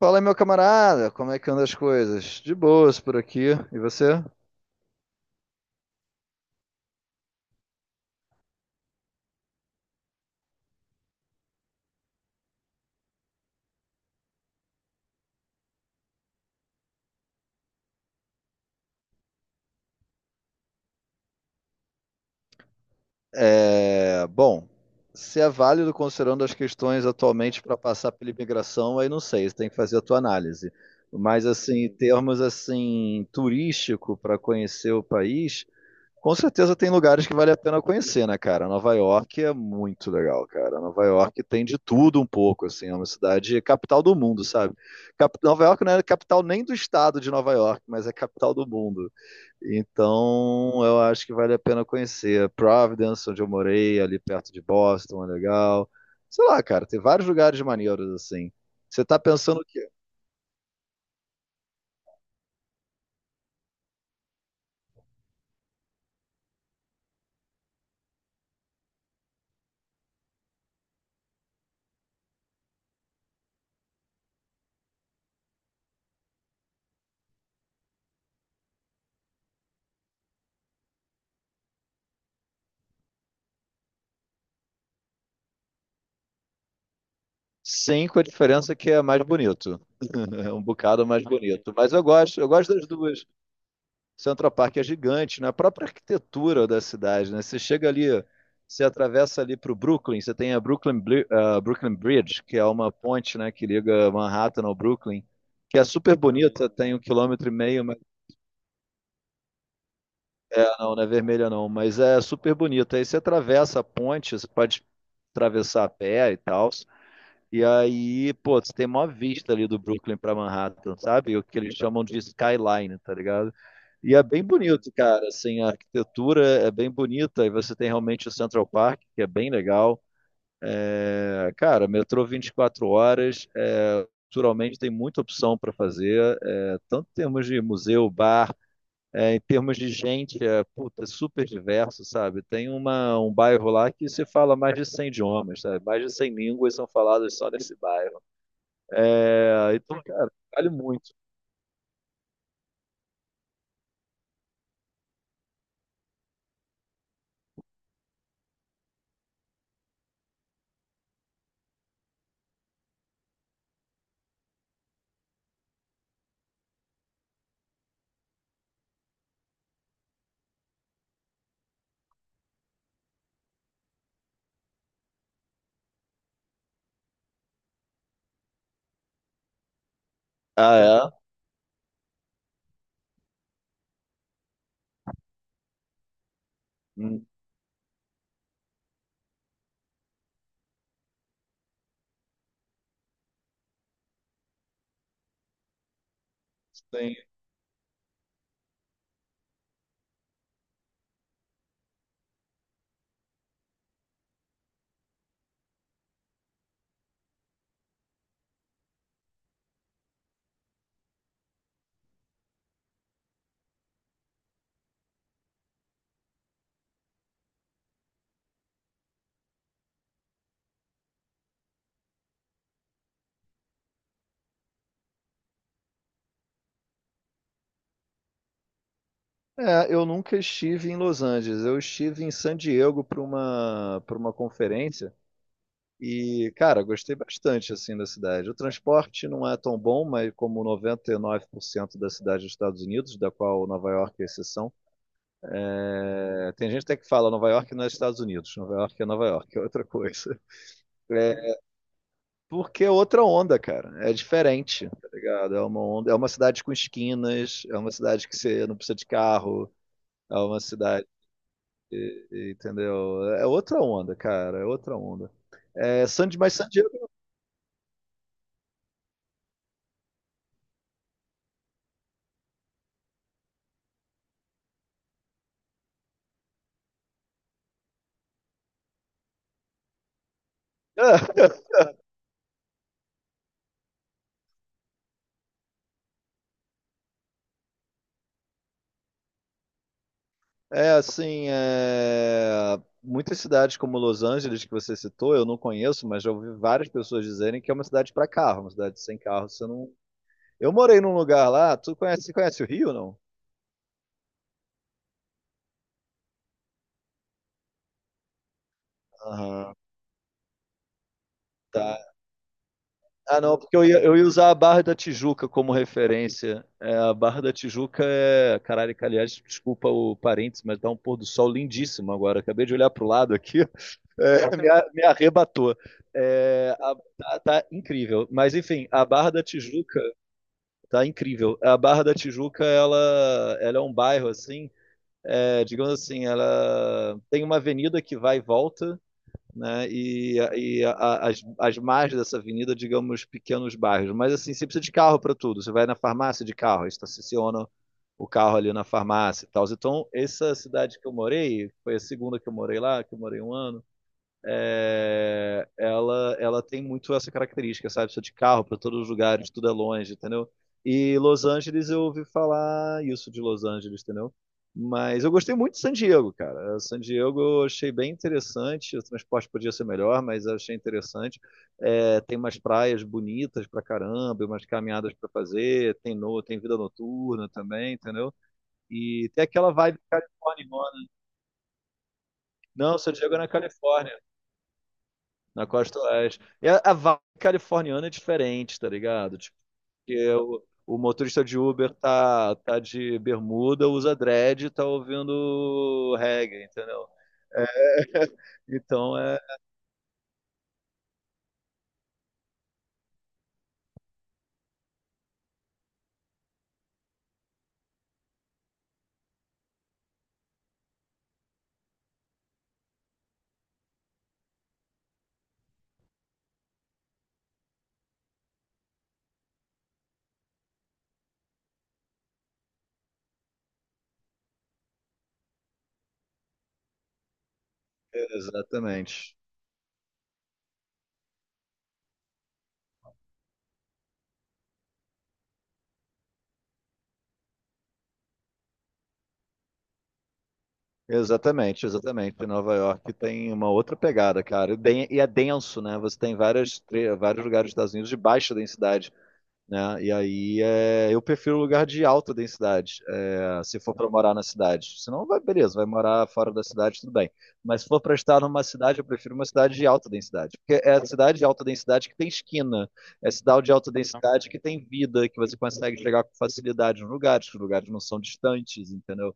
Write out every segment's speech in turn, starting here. Fala, meu camarada, como é que andam as coisas? De boas por aqui. E você? É, bom, se é válido considerando as questões atualmente para passar pela imigração, aí não sei, você tem que fazer a tua análise. Mas assim, em termos assim turístico para conhecer o país, com certeza tem lugares que vale a pena conhecer, né, cara? Nova York é muito legal, cara. Nova York tem de tudo um pouco, assim, é uma cidade capital do mundo, sabe? Nova York não é capital nem do estado de Nova York, mas é capital do mundo. Então, eu acho que vale a pena conhecer. Providence, onde eu morei, ali perto de Boston, é legal. Sei lá, cara, tem vários lugares maneiros, assim. Você tá pensando o quê? Sim, com a diferença que é mais bonito. É um bocado mais bonito. Mas eu gosto das duas. Central Park é gigante, na própria arquitetura da cidade, né? Você chega ali, você atravessa ali para o Brooklyn, você tem a Brooklyn Bridge, que é uma ponte, né, que liga Manhattan ao Brooklyn, que é super bonita, tem 1,5 km, mas ah, não, não é vermelha não, mas é super bonita. Aí você atravessa a ponte, você pode atravessar a pé e tal. E aí, pô, você tem mó vista ali do Brooklyn pra Manhattan, sabe? O que eles chamam de skyline, tá ligado? E é bem bonito, cara. Assim, a arquitetura é bem bonita. E você tem realmente o Central Park, que é bem legal. É, cara, metrô 24 horas. É, culturalmente tem muita opção para fazer, é, tanto em termos de museu, bar, é, em termos de gente, é, puta, é super diverso, sabe? Tem um bairro lá que se fala mais de 100 idiomas, sabe? Mais de 100 línguas são faladas só nesse bairro. É, então, cara, vale muito. Ah, é? Hum. Sim. É, eu nunca estive em Los Angeles. Eu estive em San Diego para uma conferência e, cara, gostei bastante assim da cidade. O transporte não é tão bom, mas como 99% da cidade dos Estados Unidos, da qual Nova York é exceção, é, tem gente até que fala Nova York não é Estados Unidos, Nova York, é outra coisa. É, porque é outra onda, cara. É diferente, tá ligado? É uma onda, é uma cidade com esquinas, é uma cidade que você não precisa de carro, é uma cidade, entendeu? É outra onda, cara, é outra onda. Mas San Diego é, assim, é, muitas cidades como Los Angeles que você citou, eu não conheço, mas já ouvi várias pessoas dizerem que é uma cidade para carro, uma cidade sem carro, você não. Eu morei num lugar lá, tu conhece o Rio, não? Aham. Tá. Ah, não, porque eu ia usar a Barra da Tijuca como referência. É, a Barra da Tijuca é. Caralho, que, aliás, desculpa o parênteses, mas tá um pôr do sol lindíssimo agora. Acabei de olhar pro lado aqui, é, me arrebatou. É, tá incrível. Mas, enfim, a Barra da Tijuca tá incrível. A Barra da Tijuca, ela é um bairro, assim, é, digamos assim, ela tem uma avenida que vai e volta, né? E as margens dessa avenida, digamos, pequenos bairros. Mas assim, você precisa de carro para tudo. Você vai na farmácia de carro, estaciona o carro ali na farmácia e tal. Então, essa cidade que eu morei, foi a segunda que eu morei lá, que eu morei um ano. É, ela tem muito essa característica, sabe? Precisa de carro para todos os lugares, tudo é longe, entendeu? E Los Angeles, eu ouvi falar isso de Los Angeles, entendeu? Mas eu gostei muito de San Diego, cara. San Diego eu achei bem interessante. O transporte podia ser melhor, mas eu achei interessante. É, tem umas praias bonitas pra caramba, umas caminhadas pra fazer. Tem, no, tem vida noturna também, entendeu? E tem aquela vibe californiana. Não, San Diego é na Califórnia, na costa oeste. E a vibe californiana é diferente, tá ligado? Tipo, porque o motorista de Uber tá de bermuda, usa dread e tá ouvindo reggae, entendeu? É, então é. Exatamente. Exatamente, exatamente. Nova York tem uma outra pegada, cara. E é denso, né? Você tem vários lugares dos Estados Unidos de baixa densidade, né? E aí é, eu prefiro lugar de alta densidade, é, se for para morar na cidade. Senão, vai, beleza, vai morar fora da cidade, tudo bem. Mas se for para estar numa cidade, eu prefiro uma cidade de alta densidade. Porque é a cidade de alta densidade que tem esquina, é a cidade de alta densidade que tem vida, que você consegue chegar com facilidade nos lugares, que os lugares não são distantes, entendeu?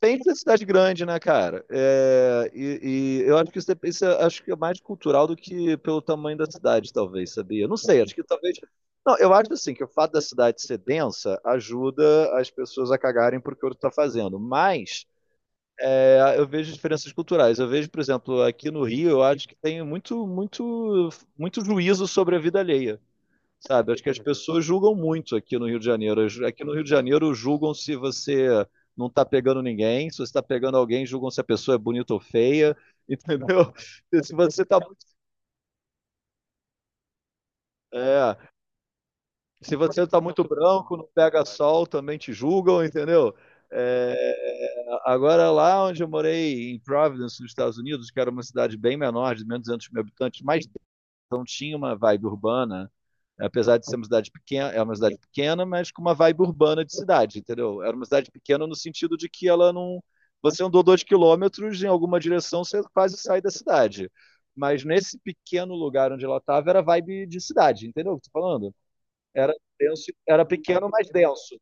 Tem que ser cidade grande, né, cara? É, e eu acho que isso, isso é, acho que é mais cultural do que pelo tamanho da cidade, talvez, sabia? Eu não sei, acho que talvez. Não, eu acho assim que o fato da cidade ser densa ajuda as pessoas a cagarem pro que o outro tá fazendo. Mas é, eu vejo diferenças culturais. Eu vejo, por exemplo, aqui no Rio, eu acho que tem muito, muito, muito juízo sobre a vida alheia. Sabe, acho que as pessoas julgam muito aqui no Rio de Janeiro. Aqui no Rio de Janeiro julgam se você não está pegando ninguém, se você está pegando alguém, julgam se a pessoa é bonita ou feia, entendeu? Se você está é, se você tá muito branco, não pega sol, também te julgam, entendeu? É, agora lá onde eu morei em Providence, nos Estados Unidos, que era uma cidade bem menor, de menos de 200 mil habitantes, mais então tinha uma vibe urbana, apesar de ser uma cidade pequena, é uma cidade pequena, mas com uma vibe urbana de cidade, entendeu? Era uma cidade pequena no sentido de que ela não. Você andou 2 km em alguma direção, você quase sai da cidade. Mas nesse pequeno lugar onde ela estava, era vibe de cidade, entendeu o que eu tô falando? Era denso, era pequeno, mas denso.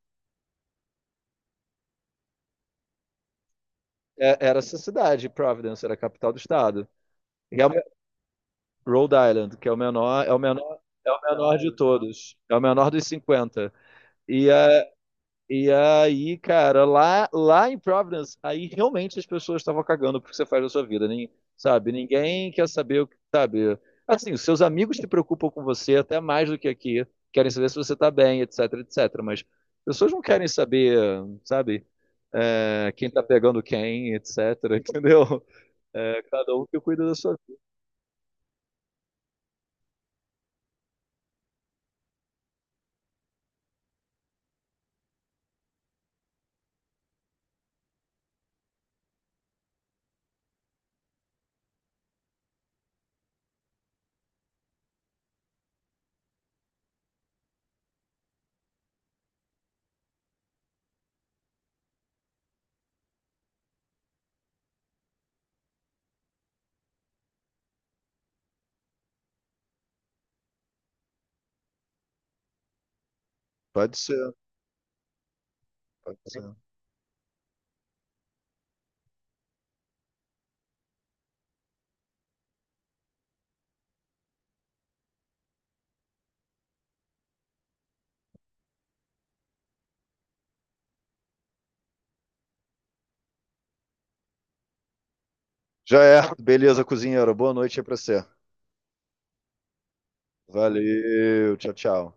Era essa cidade, Providence, era a capital do estado. E é o me- Rhode Island, que é o menor, é o menor, é o menor de todos. É o menor dos 50. E, é, E aí, cara, lá em Providence, aí realmente as pessoas estavam cagando pro que você faz da sua vida, nem, sabe? Ninguém quer saber o que, sabe? Assim, os seus amigos se preocupam com você até mais do que aqui, querem saber se você tá bem, etc., etc. Mas pessoas não querem saber, sabe? É, quem tá pegando quem, etc., entendeu? É, cada um que cuida da sua. Pode ser, pode ser. Já é. Beleza, cozinheiro. Boa noite aí pra você. Valeu, tchau, tchau.